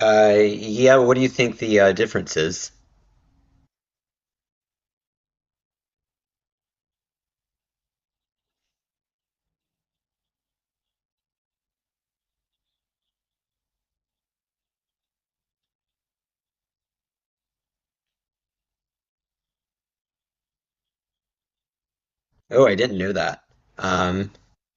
Yeah, what do you think the difference is? Oh, I didn't know that. Um,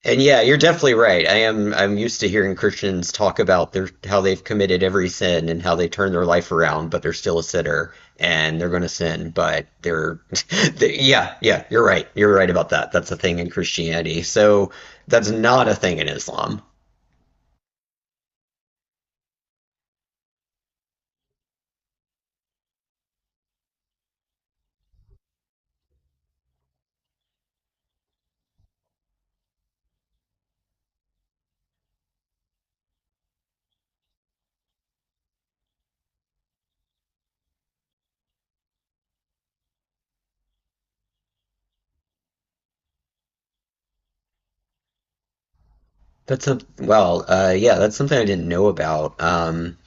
and yeah, you're definitely right. I'm used to hearing Christians talk about their how they've committed every sin and how they turn their life around, but they're still a sinner and they're going to sin, but yeah, yeah, you're right. You're right about that. That's a thing in Christianity. So that's not a thing in Islam. Yeah, that's something I didn't know about.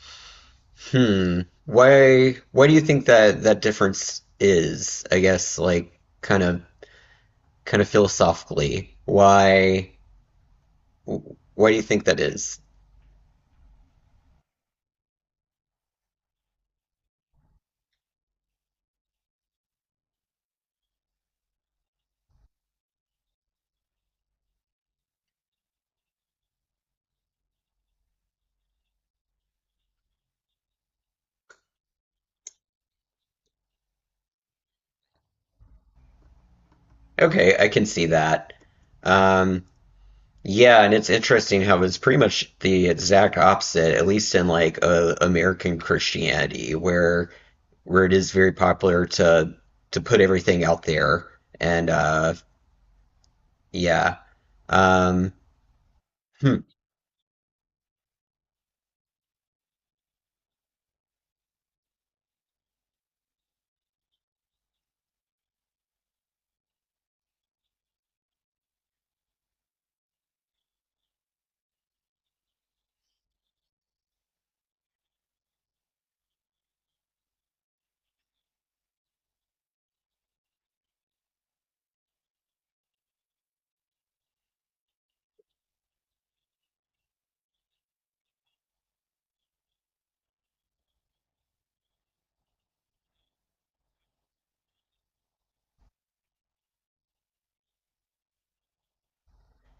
Hmm. Why do you think that that difference is? I guess like kind of philosophically. Why do you think that is? Okay, I can see that. Um yeah, and it's interesting how it's pretty much the exact opposite, at least in like American Christianity, where it is very popular to put everything out there and yeah. Um hmm.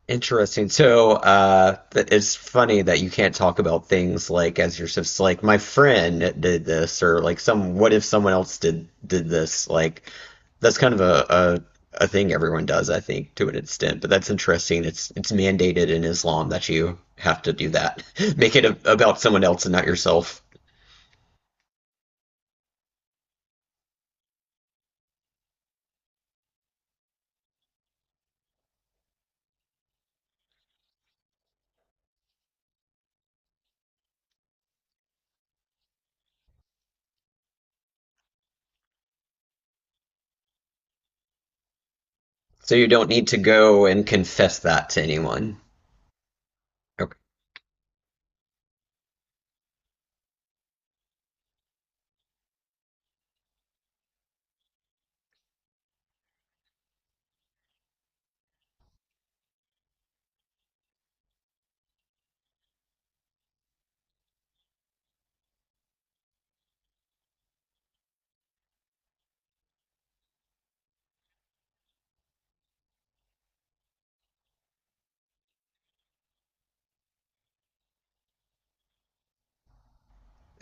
Interesting. So, th it's funny that you can't talk about things like as you just like my friend did this or like some what if someone else did this like that's kind of a thing everyone does I think to an extent but that's interesting it's mandated in Islam that you have to do that make it about someone else and not yourself so you don't need to go and confess that to anyone okay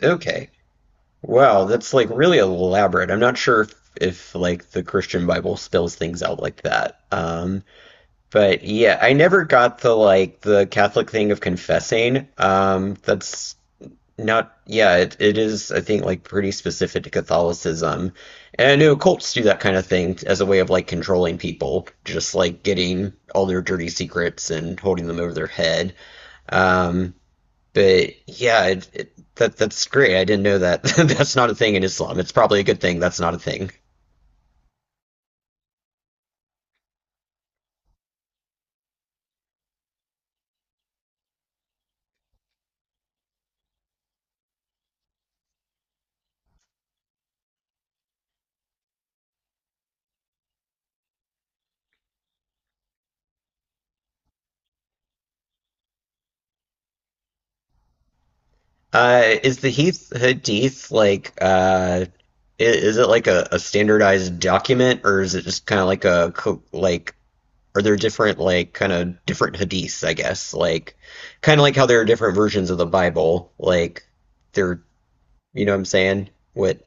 okay. Wow, that's like really elaborate. I'm not sure if like the Christian Bible spells things out like that. But yeah, I never got the like the Catholic thing of confessing. That's not, yeah, it is, I think, like pretty specific to Catholicism. And I know cults do that kind of thing as a way of like controlling people, just like getting all their dirty secrets and holding them over their head. Um, but yeah, that's great. I didn't know that. that's not a thing in Islam. It's probably a good thing that's not a thing. Is the Hadith like is it like a standardized document, or is it just kind of like like are there different like kind of different hadiths, I guess, like kind of like how there are different versions of the Bible, like there, you know what I'm saying? What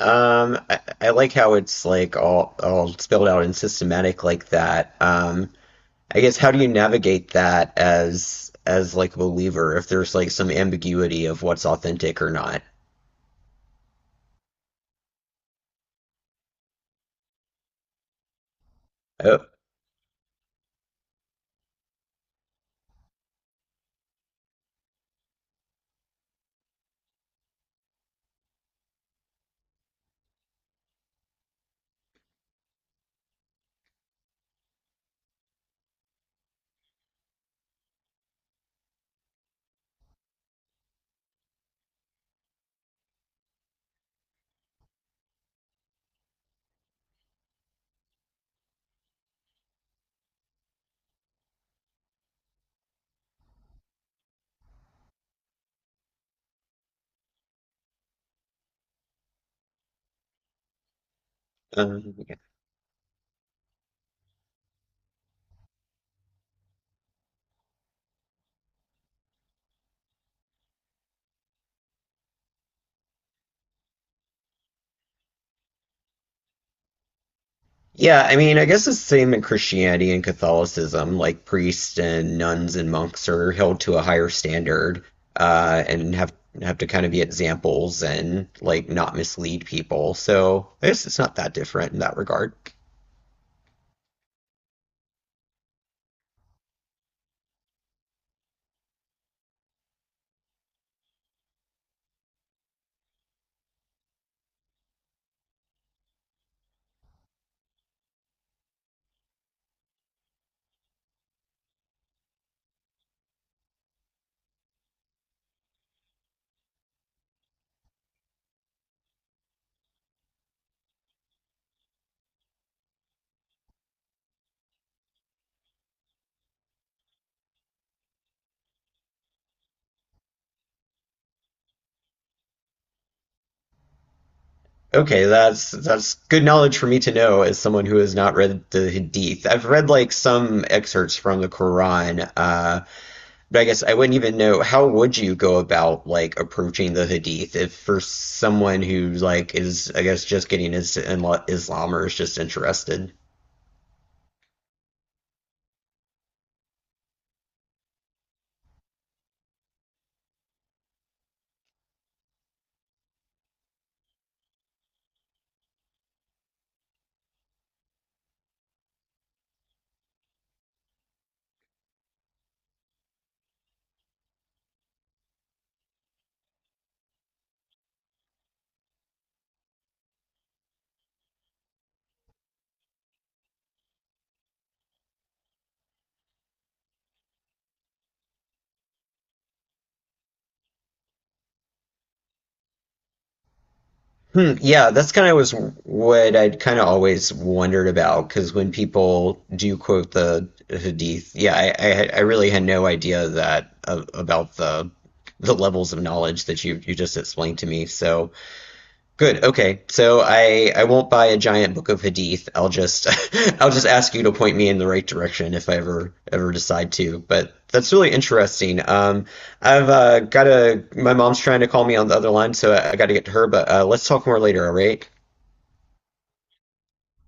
I like how it's like all spelled out and systematic like that. I guess how do you navigate that as like a believer if there's like some ambiguity of what's authentic or not? Oh, um, yeah, I mean, I guess it's the same in Christianity and Catholicism. Like priests and nuns and monks are held to a higher standard and have to kind of be examples and like not mislead people. So I guess it's not that different in that regard. Okay, that's good knowledge for me to know as someone who has not read the Hadith. I've read like some excerpts from the Quran, but I guess I wouldn't even know how would you go about like approaching the Hadith if for someone who like is I guess just getting his Islam or is just interested. Hmm, yeah, that's kind of was what I'd kind of always wondered about because when people do quote the Hadith, yeah, I really had no idea that about the levels of knowledge that you just explained to me. So good. Okay. So I won't buy a giant book of hadith. I'll just I'll just ask you to point me in the right direction if I ever decide to. But that's really interesting. I've got to my mom's trying to call me on the other line, so I got to get to her. But let's talk more later. All right.